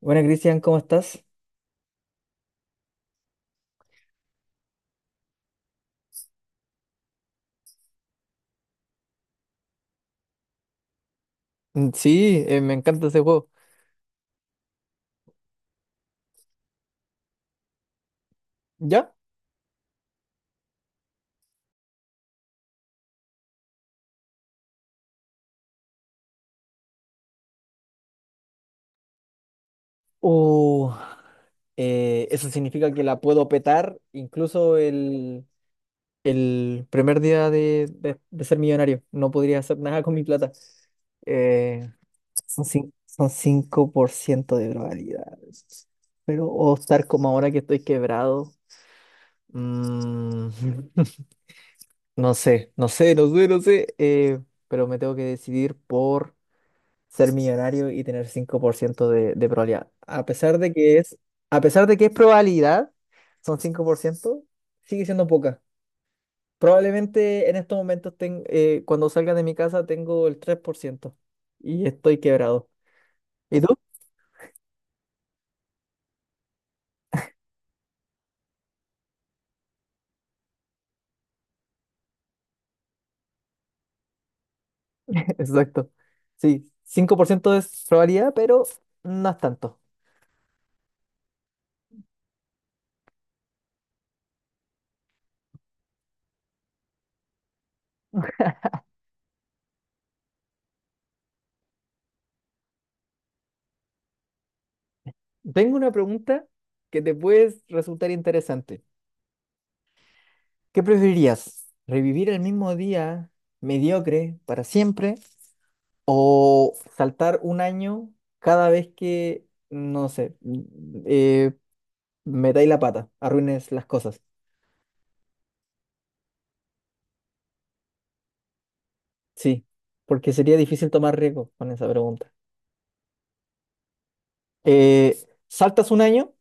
Bueno, Cristian, ¿cómo estás? Sí, me encanta ese juego. ¿Ya? Uh, Eso significa que la puedo petar incluso el primer día de ser millonario. No podría hacer nada con mi plata. Eh, Son 5% de probabilidades. Pero o estar como ahora que estoy quebrado. mm, no sé, no sé, no sé, no sé. Pero me tengo que decidir por ser millonario y tener 5% de probabilidad. A pesar de que es probabilidad, son cinco por ciento, sigue siendo poca. Probablemente en estos momentos, cuando salga de mi casa, tengo el 3% y estoy quebrado. ¿Y tú? Exacto. Sí, 5% es probabilidad, pero no es tanto. Tengo una pregunta que te puede resultar interesante. ¿Qué preferirías? ¿Revivir el mismo día mediocre para siempre o saltar un año cada vez que, no sé, metáis la pata, arruines las cosas? Sí, porque sería difícil tomar riesgo con esa pregunta. Eh, Saltas un año,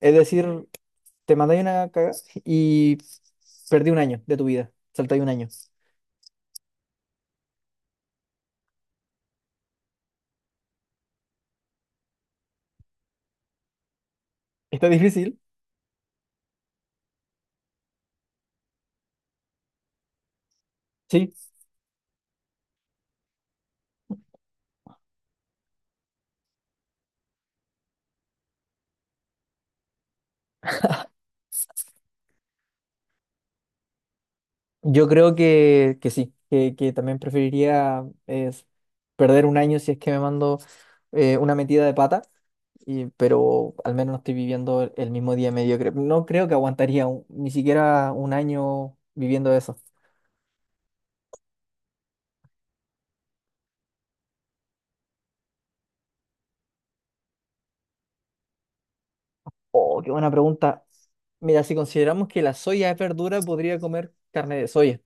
es decir, te mandáis una cagada y perdí un año de tu vida. Saltáis un año. Está difícil, sí. Yo creo que, que también preferiría perder un año si es que me mando una metida de pata, y, pero al menos no estoy viviendo el mismo día mediocre. No creo que aguantaría ni siquiera un año viviendo eso. Oh, qué buena pregunta. Mira, si consideramos que la soya es verdura, podría comer carne de soya.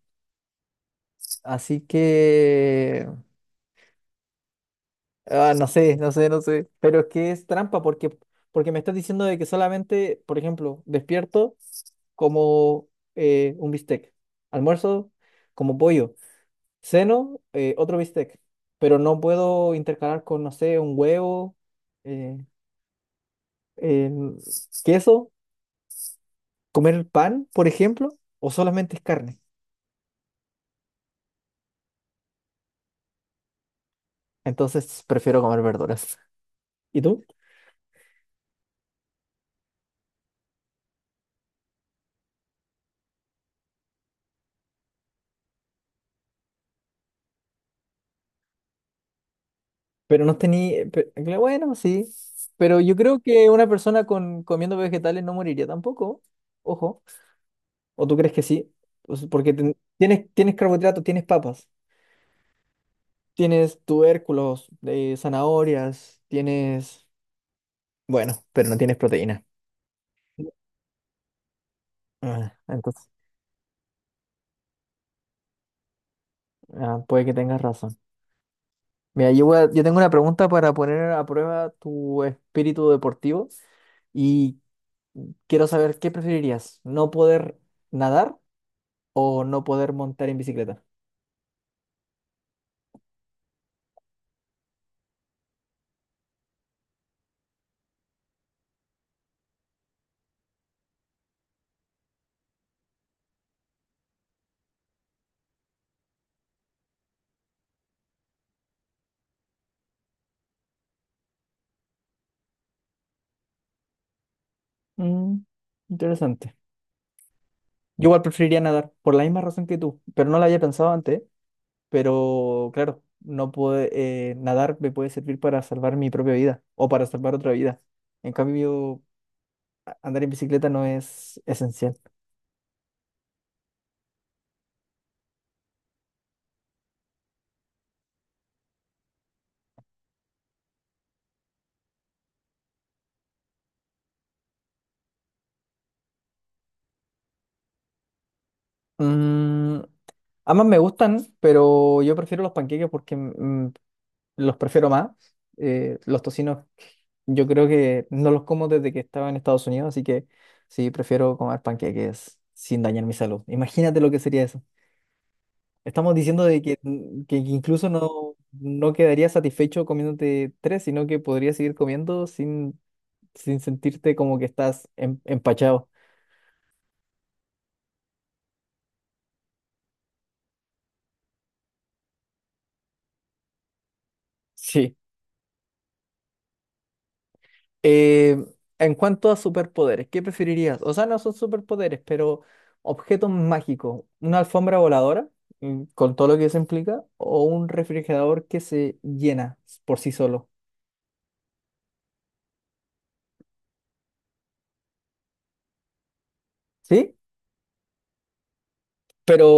Así que ah, no sé, no sé, no sé. Pero es que es trampa porque, porque me estás diciendo de que solamente, por ejemplo, despierto como un bistec, almuerzo como pollo, ceno otro bistec, pero no puedo intercalar con, no sé, un huevo, eh, em, queso, comer pan, por ejemplo, o solamente es carne. Entonces prefiero comer verduras. ¿Y tú? Pero no tenía, bueno, sí. Pero yo creo que una persona comiendo vegetales no moriría tampoco. Ojo. ¿O tú crees que sí? Pues porque tienes, tienes carbohidratos, tienes papas, tienes tubérculos, zanahorias, tienes... Bueno, pero no tienes proteína. Ah, entonces, ah, puede que tengas razón. Mira, yo tengo una pregunta para poner a prueba tu espíritu deportivo y quiero saber qué preferirías, no poder nadar o no poder montar en bicicleta. Mm, interesante. Yo igual preferiría nadar, por la misma razón que tú, pero no la había pensado antes, pero claro, no puede, nadar me puede servir para salvar mi propia vida o para salvar otra vida. En cambio, andar en bicicleta no es esencial. Mm, ambas me gustan, pero yo prefiero los panqueques porque los prefiero más. Los tocinos yo creo que no los como desde que estaba en Estados Unidos, así que sí, prefiero comer panqueques sin dañar mi salud. Imagínate lo que sería eso. Estamos diciendo de que, que incluso no, no quedaría satisfecho comiéndote tres, sino que podrías seguir comiendo sin, sin sentirte como que estás empachado. Sí. Eh, en cuanto a superpoderes, ¿qué preferirías? O sea, no son superpoderes, pero objetos mágicos, una alfombra voladora, mm, con todo lo que eso implica, o un refrigerador que se llena por sí solo. ¿Sí? Pero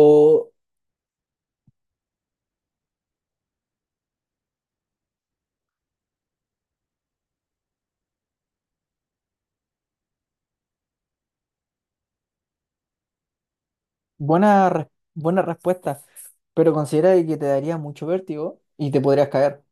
buena, res- buena respuesta. Pero considera de que te daría mucho vértigo y te podrías caer.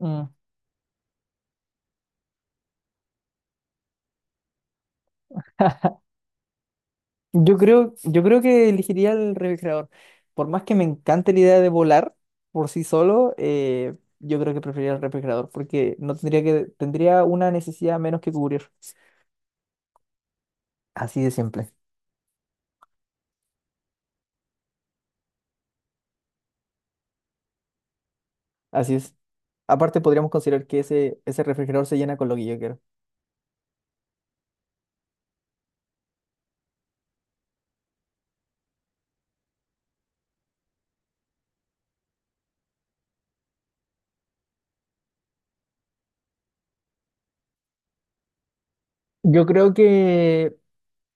Mm. Yo creo que elegiría el refrigerador. Por más que me encante la idea de volar por sí solo, yo creo que preferiría el refrigerador porque no tendría una necesidad menos que cubrir. Así de simple. Así es. Aparte podríamos considerar que ese refrigerador se llena con lo que yo quiero. Yo creo que,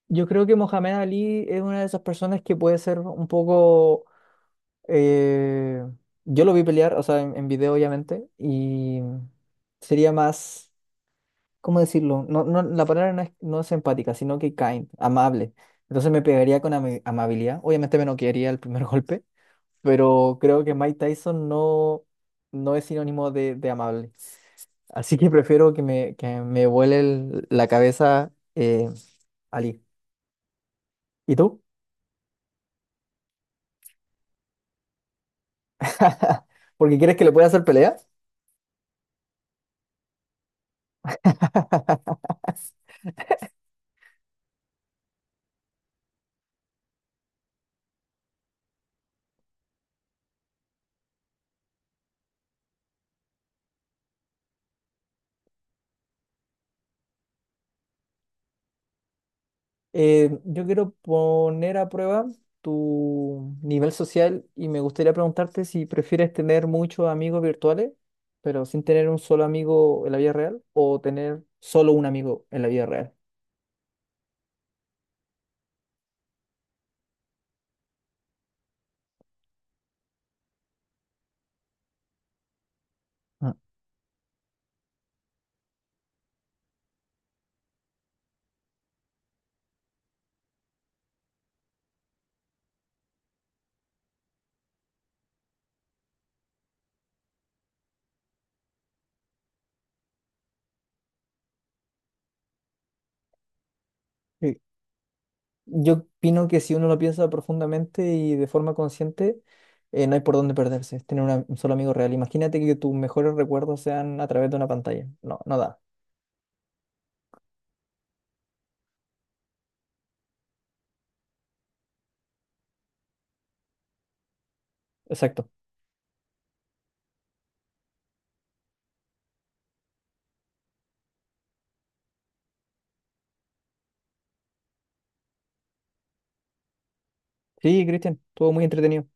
yo creo que Mohamed Ali es una de esas personas que puede ser un poco. eh, yo lo vi pelear, o sea, en video obviamente, y sería más, ¿cómo decirlo? No, la palabra no es, no es empática, sino que kind, amable. Entonces me pegaría con amabilidad. Obviamente me noquearía el primer golpe, pero creo que Mike Tyson no, no es sinónimo de amable. Así que prefiero que que me vuele la cabeza, Ali. ¿Y tú? ¿Porque quieres que le pueda hacer pelea? Yo quiero poner a prueba tu nivel social y me gustaría preguntarte si prefieres tener muchos amigos virtuales, pero sin tener un solo amigo en la vida real, o tener solo un amigo en la vida real. Ah, sí. Yo opino que si uno lo piensa profundamente y de forma consciente, no hay por dónde perderse, es tener un solo amigo real. Imagínate que tus mejores recuerdos sean a través de una pantalla. No, no da. Exacto. Sí, Cristian, estuvo muy entretenido.